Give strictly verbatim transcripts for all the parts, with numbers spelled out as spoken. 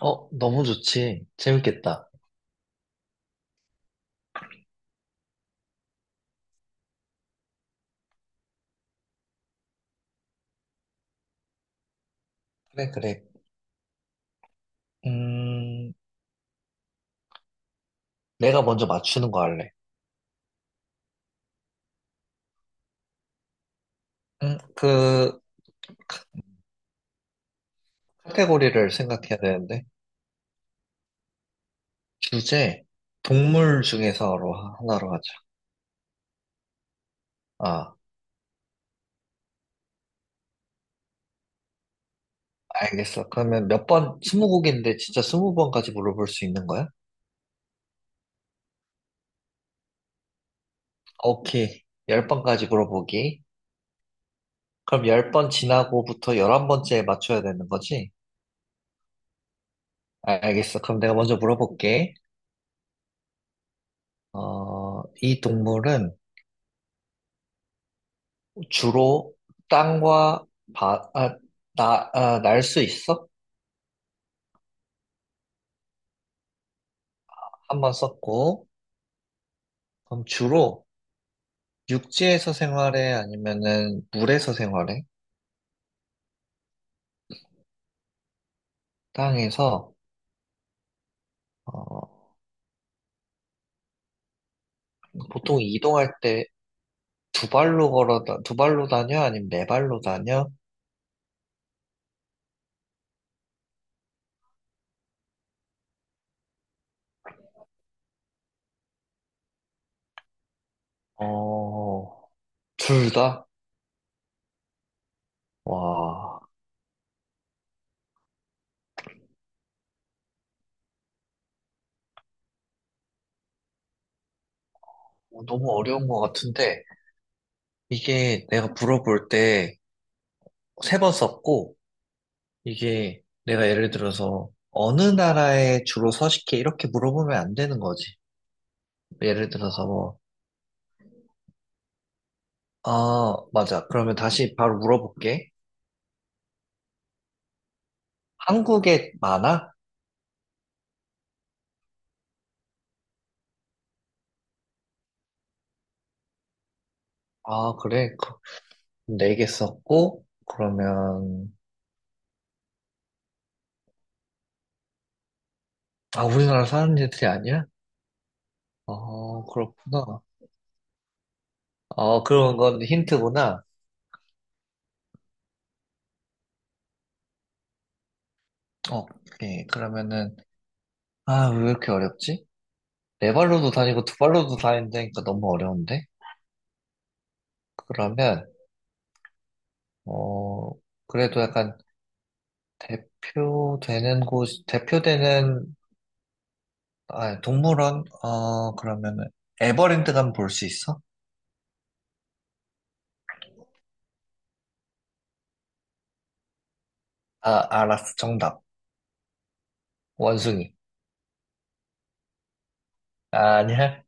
어, 너무 좋지. 재밌겠다. 그래, 그래. 음, 내가 먼저 맞추는 거 할래. 음, 그, 카- 카테고리를 생각해야 되는데. 주제, 동물 중에서로 하- 하나로 하자. 아, 알겠어. 그러면 몇 번, 스무 곡인데 진짜 스무 번까지 물어볼 수 있는 거야? 오케이. 열 번까지 물어보기. 그럼 열 번 지나고부터 열한 번째에 맞춰야 되는 거지? 아, 알겠어. 그럼 내가 먼저 물어볼게. 어, 이 동물은 주로 땅과 바, 아, 나, 아, 날 수 있어? 한 번 썼고, 그럼 주로 육지에서 생활해? 아니면은 물에서 생활해? 땅에서, 어, 보통 이동할 때 두 발로 걸어, 다- 두 발로 다녀? 아니면 네 발로 다녀? 어, 둘 다? 와, 너무 어려운 것 같은데, 이게 내가 물어볼 때 세 번 썼고, 이게 내가 예를 들어서 어느 나라에 주로 서식해 이렇게 물어보면 안 되는 거지. 예를 들어서 뭐, 아, 맞아. 그러면 다시 바로 물어볼게. 한국에 많아? 아, 그래. 네 개 썼고, 그러면, 아, 우리나라 사는 애들이 아니야? 어, 그렇구나. 어, 그런 건 힌트구나. 어, 오케이. 그러면은, 아, 왜 이렇게 어렵지? 네 발로도 다니고 두 발로도 다닌다니까 너무 어려운데? 그러면, 어, 그래도 약간 대표되는 곳, 대표되는, 아, 동물원? 어, 그러면은, 에버랜드 가면 볼 수 있어? 아, 알았어. 정답. 원숭이. 아, 아니야?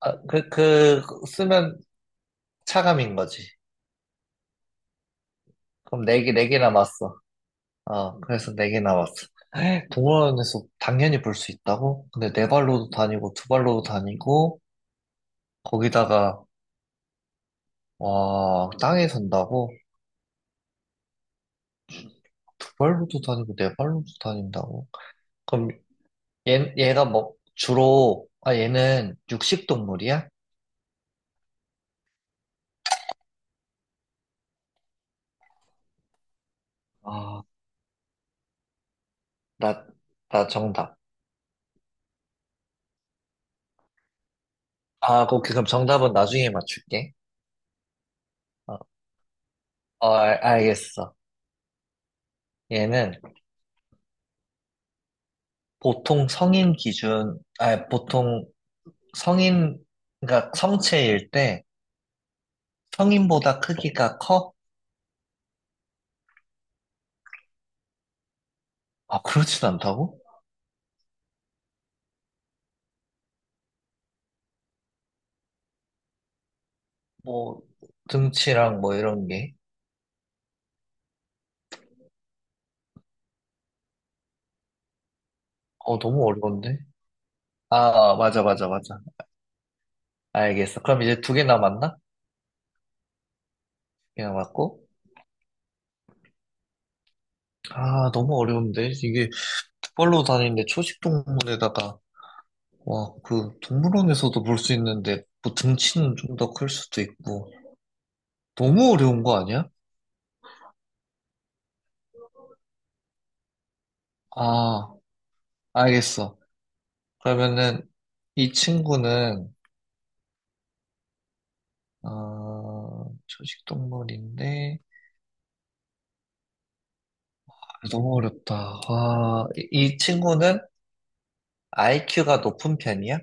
아, 그, 그, 쓰면 차감인 거지. 그럼 네 개, 네 개 남았어. 어, 그래서 네 개 남았어. 동물원에서 당연히 볼 수 있다고? 근데 네 발로도 다니고, 두 발로도 다니고, 거기다가, 와, 땅에 산다고? 두 발로도 다니고, 네 발로도 다닌다고? 그럼 얘, 얘가 뭐, 주로, 아, 얘는 육식 동물이야? 아, 나, 나 정답. 아, 그, 그럼 정답은 나중에 맞출게. 어, 어, 알- 알겠어. 얘는 보통 성인 기준, 아, 보통 성인, 그러니까 성체일 때 성인보다 크기가 커? 아, 그렇진 않다고? 뭐, 등치랑 뭐 이런 게. 어, 너무 어려운데? 아, 아, 맞아, 맞아, 맞아. 알겠어. 그럼 이제 두 개 남았나? 두 개 남았고. 아, 너무 어려운데? 이게 투발로 다니는데 초식동물에다가, 와, 그, 동물원에서도 볼 수 있는데, 뭐 등치는 좀 더 클 수도 있고. 너무 어려운 거 아니야? 아, 알겠어. 그러면은, 이 친구는, 어, 초식동물인데, 아, 너무 어렵다. 와, 이, 이 친구는 아이큐가 높은 편이야?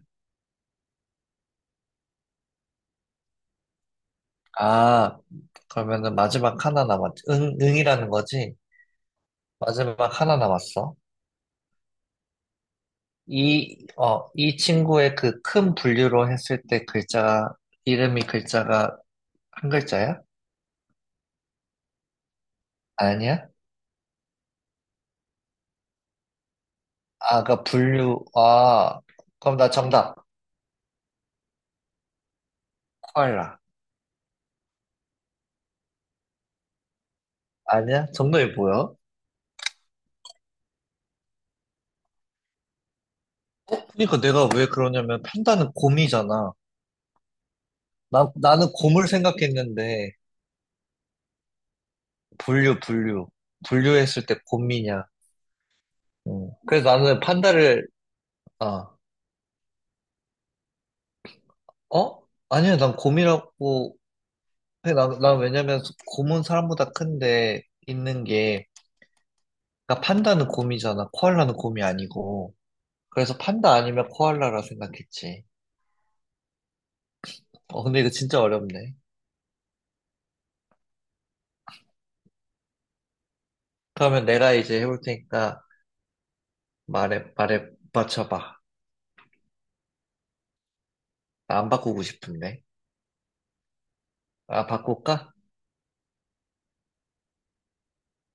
아, 그러면은 마지막 하나 남았지. 응, 응이라는 거지? 마지막 하나 남았어. 이, 어, 이 친구의 그 큰 분류로 했을 때 글자, 이름이 글자가 한 글자야? 아니야? 아, 그 분류, 아, 그럼 나 정답, 코알라. 아니야? 정답이 뭐야? 그러니까 내가 왜 그러냐면 판다는 곰이잖아. 나, 나는 곰을 생각했는데, 분류, 분류. 분류했을 때 곰이냐. 음. 그래서 나는 판다를, 어, 어? 아니야, 난 곰이라고, 해. 난, 난 왜냐면 곰은 사람보다 큰데, 있는 게, 그러니까 판다는 곰이잖아. 코알라는 곰이 아니고. 그래서 판다 아니면 코알라라 생각했지. 어, 근데 이거 진짜 어렵네. 그러면 내가 이제 해볼 테니까 말해, 말해, 맞춰봐. 나 안 바꾸고 싶은데. 아, 바꿀까?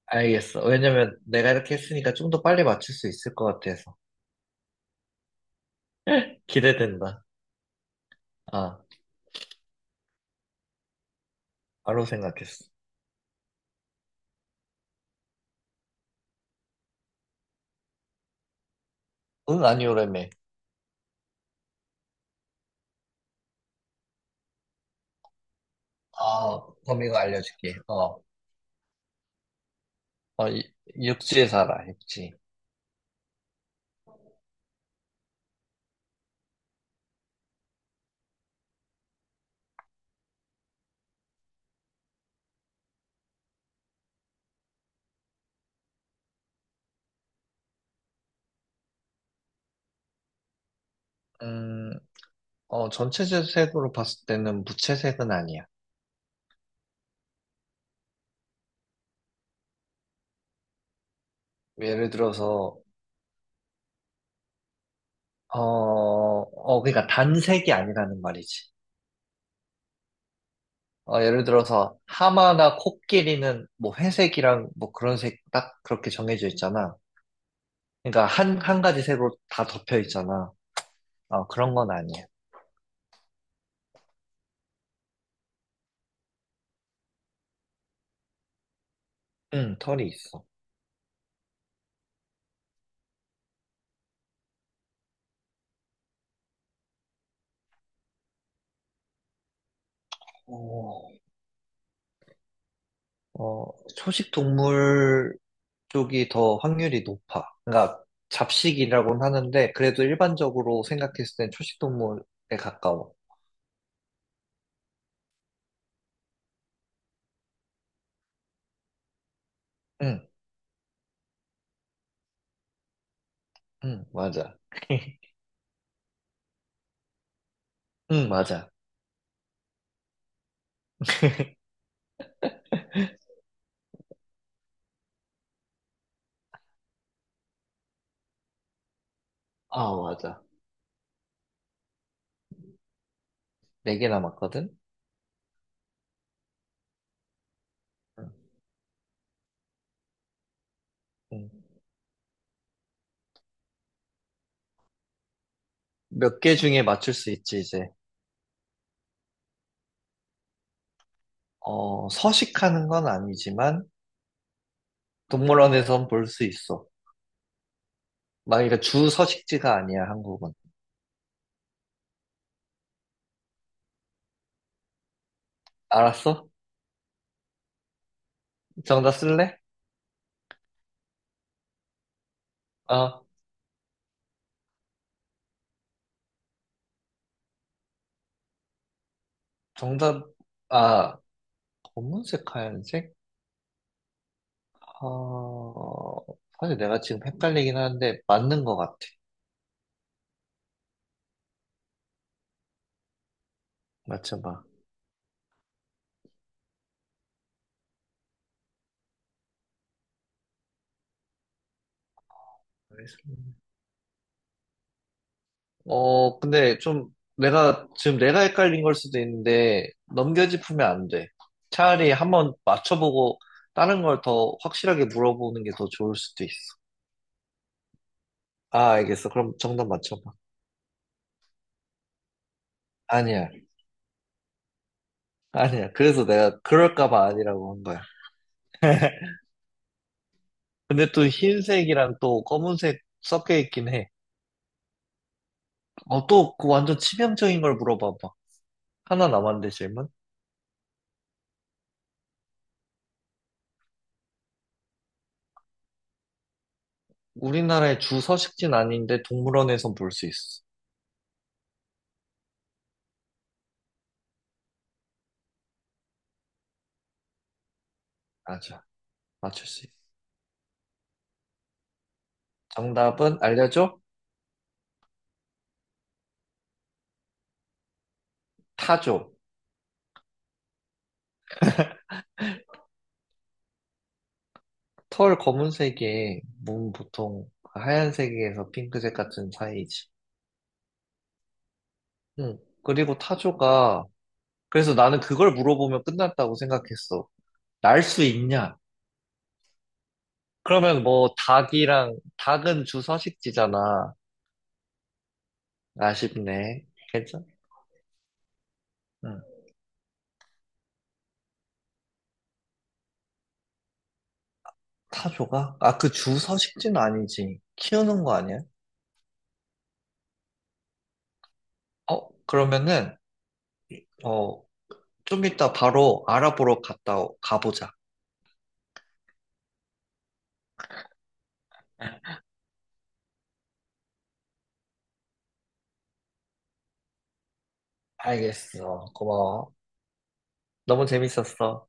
알겠어. 왜냐면 내가 이렇게 했으니까 좀 더 빨리 맞출 수 있을 것 같아서. 기대된다. 아, 바로 생각했어. 응, 아니오라며. 아, 범위가 알려줄게. 어, 어, 이- 육지에 살아, 육지. 음, 어, 전체 색으로 봤을 때는 무채색은 아니야. 예를 들어서, 어, 어, 그러니까 단색이 아니라는 말이지. 어, 예를 들어서 하마나 코끼리는 뭐 회색이랑 뭐 그런 색 딱 그렇게 정해져 있잖아. 그러니까 한, 한 가지 색으로 다 덮여 있잖아. 어, 그런 건 아니야. 응, 털이 있어. 어, 어, 초식 동물 쪽이 더 확률이 높아. 그러니까 잡식이라고는 하는데 그래도 일반적으로 생각했을 땐 초식 동물에 가까워. 응, 응, 맞아. 응, 맞아. 아, 맞아. 네 개 남았거든? 몇 개 중에 맞출 수 있지, 이제. 어, 서식하는 건 아니지만, 동물원에선 볼 수 있어. 막, 그러니까 주 서식지가 아니야, 한국은. 알았어? 정답 쓸래? 어, 정답, 아, 검은색, 하얀색? 어, 사실 내가 지금 헷갈리긴 하는데, 맞는 것 같아. 맞춰봐. 어, 근데 좀 내가, 지금 내가 헷갈린 걸 수도 있는데, 넘겨짚으면 안 돼. 차라리 한번 맞춰보고, 다른 걸 더 확실하게 물어보는 게 더 좋을 수도 있어. 아, 알겠어. 그럼 정답 맞춰봐. 아니야. 아니야. 그래서 내가 그럴까 봐 아니라고 한 거야. 근데 또 흰색이랑 또 검은색 섞여 있긴 해. 어, 또그 완전 치명적인 걸 물어봐봐. 하나 남았는데 질문? 우리나라의 주 서식지는 아닌데 동물원에선 볼 수 있어. 맞아. 맞출 수 있어. 정답은 알려줘? 타조. 털 검은색에 몸 보통 하얀색에서 핑크색 같은 사이지. 응. 그리고 타조가 그래서 나는 그걸 물어보면 끝났다고 생각했어. 날 수 있냐? 그러면 뭐 닭이랑 닭은 주서식지잖아. 아쉽네. 괜찮? 응. 타조가? 아, 그 주서식지는 아니지. 키우는 거 아니야? 어, 그러면은 어, 좀 이따 바로 알아보러 갔다 오- 가보자. 알겠어. 고마워. 너무 재밌었어.